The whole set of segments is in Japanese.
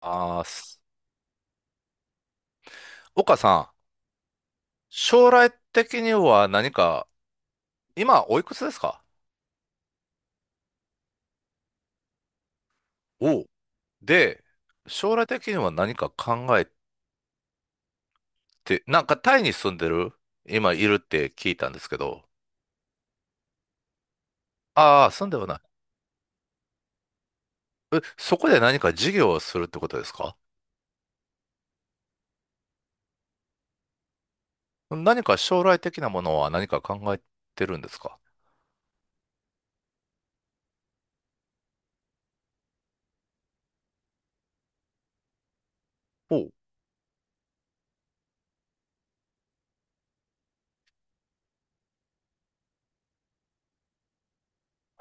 あーす。岡さん、将来的には何か、今おいくつですか？おう。で、将来的には何か考えて、なんかタイに住んでる今いるって聞いたんですけど。ああ、住んではない。え、そこで何か事業をするってことですか？何か将来的なものは何か考えてるんですか？ほう、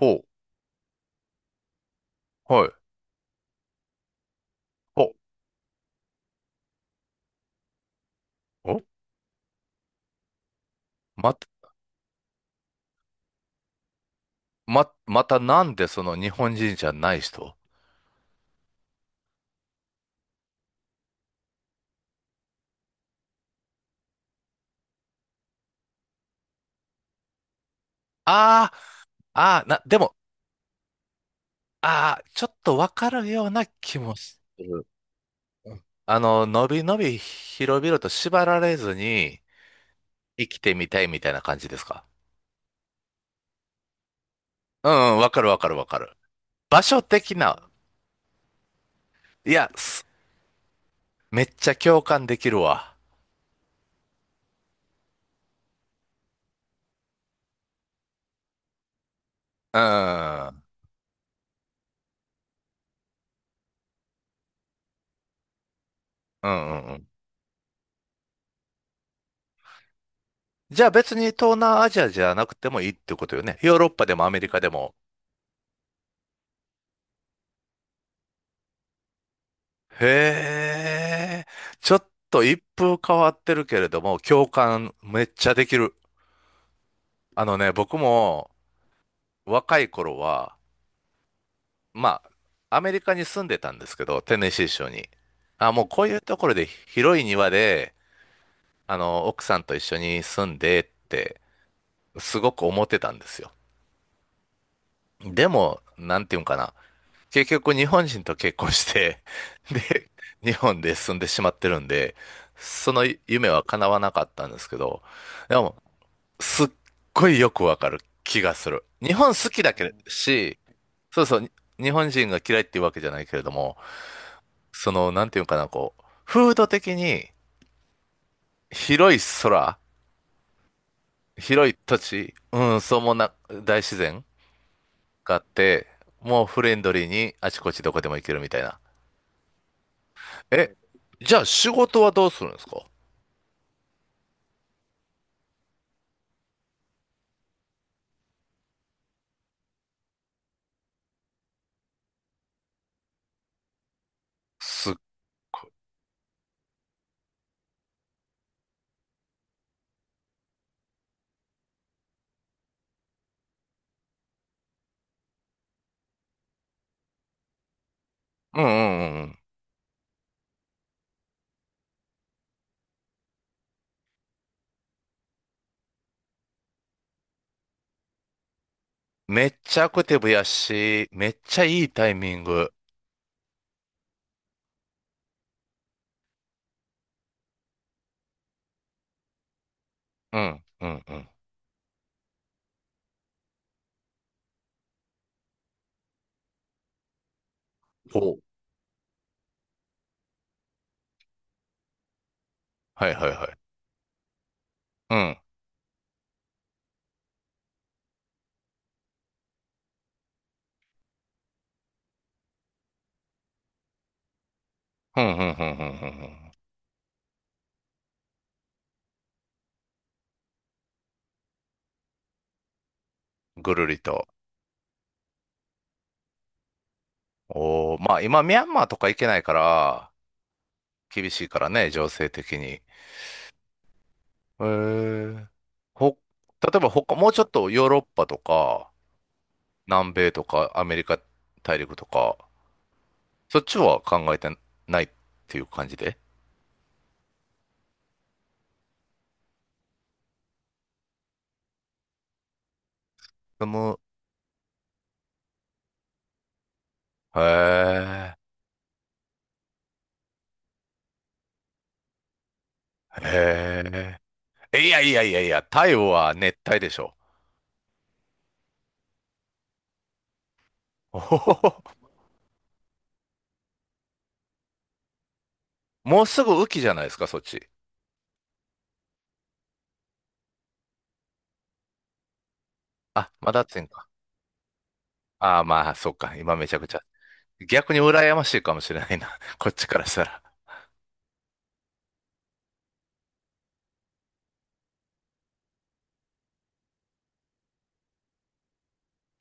ほう、はい。ほう、お、ま、またなんでその日本人じゃない人？ああ、ああ、な、でも、ああ、ちょっとわかるような気もする。うん、のびのび広々と縛られずに生きてみたいみたいな感じですか？うんうん、わかるわかるわかる。場所的な、いや、めっちゃ共感できるわ。うん、うんうんうん。じゃあ別に東南アジアじゃなくてもいいってことよね。ヨーロッパでもアメリカでも？へえ、ちょっと一風変わってるけれども、共感めっちゃできる。あのね、僕も若い頃は、まあ、アメリカに住んでたんですけど、テネシー州に。あ、もうこういうところで広い庭で、奥さんと一緒に住んでって、すごく思ってたんですよ。でも、なんていうんかな。結局日本人と結婚して、で、日本で住んでしまってるんで、その夢は叶わなかったんですけど、でも、すっごいよくわかる気がする。日本好きだけし、そうそう、日本人が嫌いっていうわけじゃないけれども、その、なんていうかな、こう、風土的に広い空、広い土地、うん、そうもな、大自然があって、もうフレンドリーにあちこちどこでも行けるみたいな。え、じゃあ仕事はどうするんですか？すっ、うんうんうんうん。めっちゃアクティブやし、めっちゃいいタイミング。うん、うん、うん。そう。はいはいはい。うん、うん、うん、うん、うん。うんうん。ぐるりと。おー、まあ今ミャンマーとか行けないから、厳しいからね、情勢的に。へえ。ほ、例えば他、もうちょっとヨーロッパとか、南米とか、アメリカ大陸とか、そっちは考えてないっていう感じで。でも、へえ、へえ。いやいやいやいや、太陽は熱帯でしょ。おほほほ。もうすぐ雨季じゃないですか、そっち。あ、まだ暑いんか。ああ、まあ、そっか。今めちゃくちゃ。逆に羨ましいかもしれないな。こっちからしたら。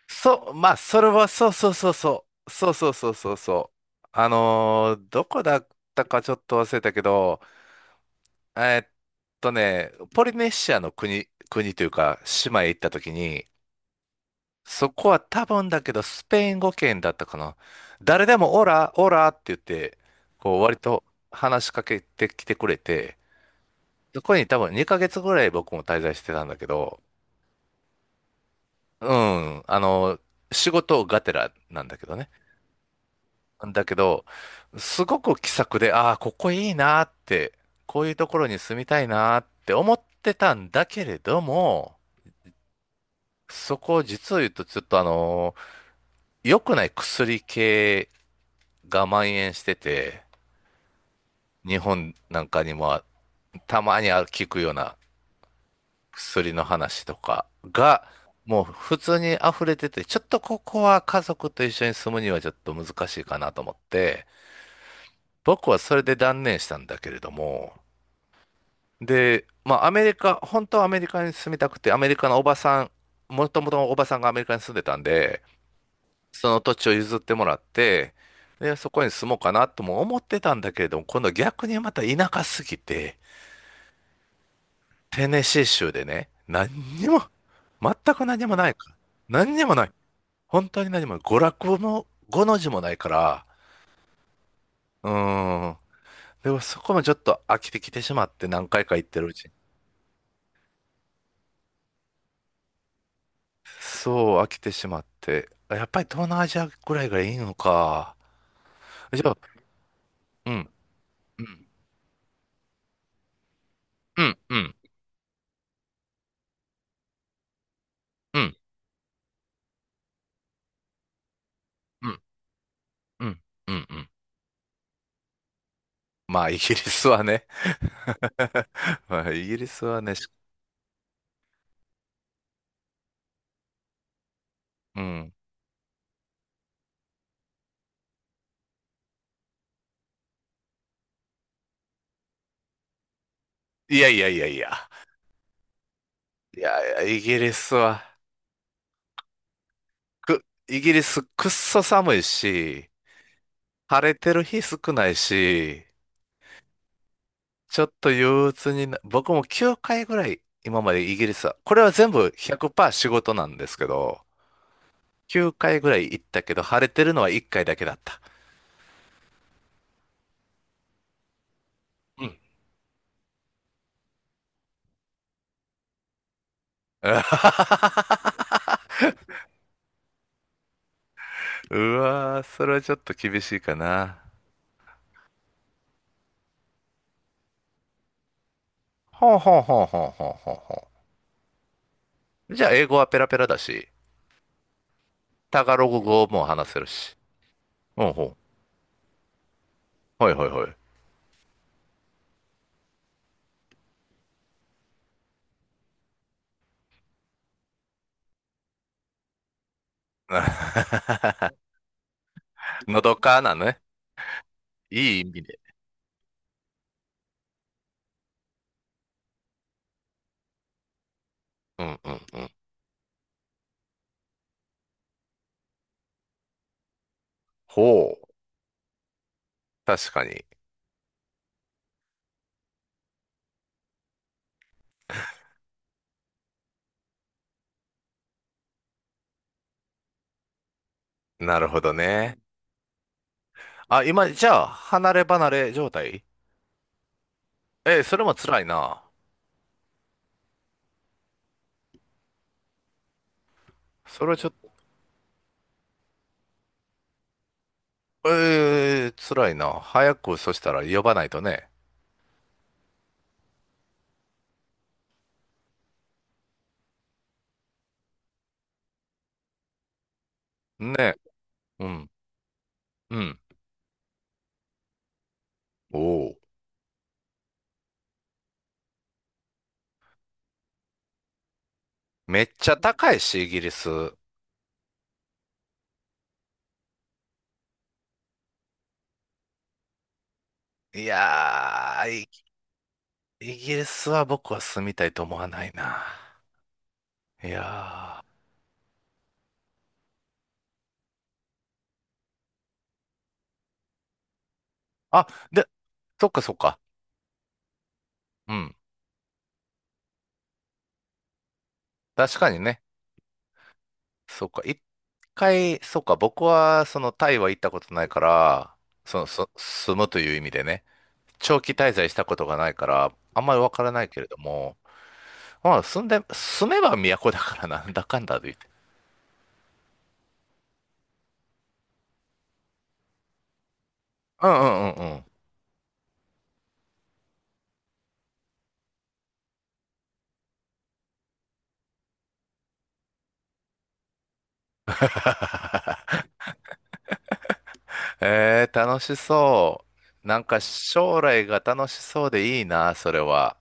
そう、まあ、それは、そうそうそうそう。そうそうそうそうそう。どこだったかちょっと忘れたけど、えーっポリネシアの国、国というか、島へ行った時に、そこは多分だけど、スペイン語圏だったかな。誰でもオラ、オラって言って、こう割と話しかけてきてくれて、そこに多分2ヶ月ぐらい僕も滞在してたんだけど、うん、仕事がてらなんだけどね。だけど、すごく気さくで、ああ、ここいいなって、こういうところに住みたいなって思ってたんだけれども、そこを実を言うとちょっと良くない薬系が蔓延してて、日本なんかにもたまに聞くような薬の話とかが、もう普通に溢れてて、ちょっとここは家族と一緒に住むにはちょっと難しいかなと思って、僕はそれで断念したんだけれども、で、まあアメリカ、本当はアメリカに住みたくて、アメリカのおばさん、もともとおばさんがアメリカに住んでたんで、その土地を譲ってもらって、で、そこに住もうかなとも思ってたんだけれども、今度逆にまた田舎すぎて、テネシー州でね、何にも、全く何もないから。何にもない。本当に何も、娯楽も、5の字もないから、うーん。でもそこもちょっと飽きてきてしまって、何回か行ってるうちに。そう、飽きてしまって。やっぱり東南アジアぐらいがいいのか。じゃあ、うん、うん、うん、うん、うん、うん、うん、うん、うん。まあ、イギリスはね。まあ、イギリスはね、し、うん。いやいやいやいや。いやいや、イギリスくっそ寒いし、晴れてる日少ないし、ちょっと憂鬱にな、僕も9回ぐらい今までイギリスは、これは全部100%仕事なんですけど、9回ぐらい行ったけど、晴れてるのは1回だけだった。うん。うわー、それはちょっと厳しいかな。ほうほうほうほうほうほうほう。じゃあ、英語はペラペラだし、タガログ語も話せるし。ほうほう。はいはいはい。のどかなね。いい意味、うんうんうん。ほう。確かに。なるほどね。あ、今、じゃあ、離れ離れ状態？えー、それも辛いな。それちょっと、辛いな。早く、そしたら呼ばないとね。ね。うん。うん。おお。めっちゃ高いし、イギリス。いやー、イギリスは僕は住みたいと思わないな。いやー。あ、で、そっかそっか。うん。確かにね。そうか、一回、そうか、僕は、その、タイは行ったことないから、その、住むという意味でね、長期滞在したことがないから、あんまりわからないけれども、まあ、住んで、住めば都だからなんだかんだで言って。うんうんうんうん。えー、楽しそう。なんか、将来が楽しそうでいいな、それは。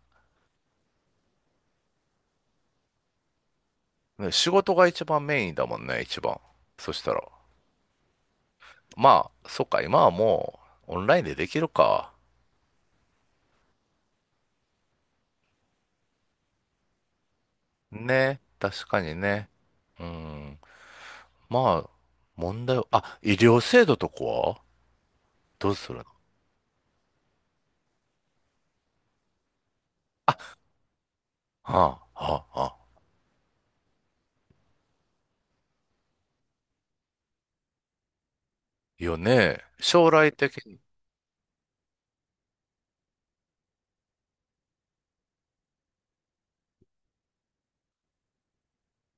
ね、仕事が一番メインだもんね、一番。そしたら。まあ、そっか、今はもう、オンラインでできるか。ね、確かにね。うん。まあ、問題は、あ、医療制度とかはどうするの？はあ、はあ、はあ。よね。将来的に。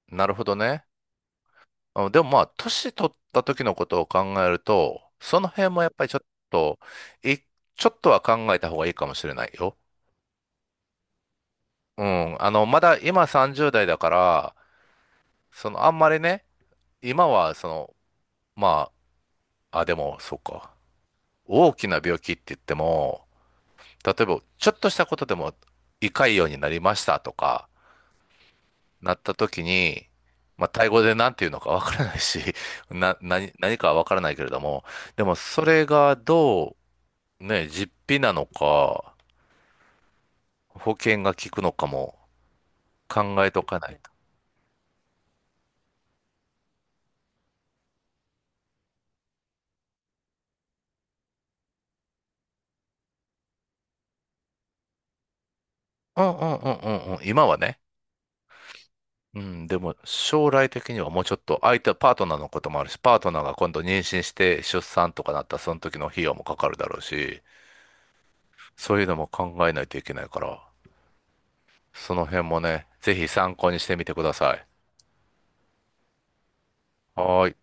なるほどね。うん、でもまあ、年取った時のことを考えると、その辺もやっぱりちょっと、い、ちょっとは考えた方がいいかもしれないよ。うん。まだ今30代だから、その、あんまりね、今はその、まあ、あ、でも、そうか。大きな病気って言っても、例えば、ちょっとしたことでも、胃潰瘍になりましたとか、なった時に、まあ、タイ語で何て言うのかわからないし、何かはわからないけれども、でも、それがどう、ね、実費なのか、保険が効くのかも考えとかないと。うんうんうんうんうん。今はね。うん、でも、将来的にはもうちょっと、相手、パートナーのこともあるし、パートナーが今度妊娠して出産とかなったら、その時の費用もかかるだろうし、そういうのも考えないといけないから、その辺もね、ぜひ参考にしてみてください。はーい。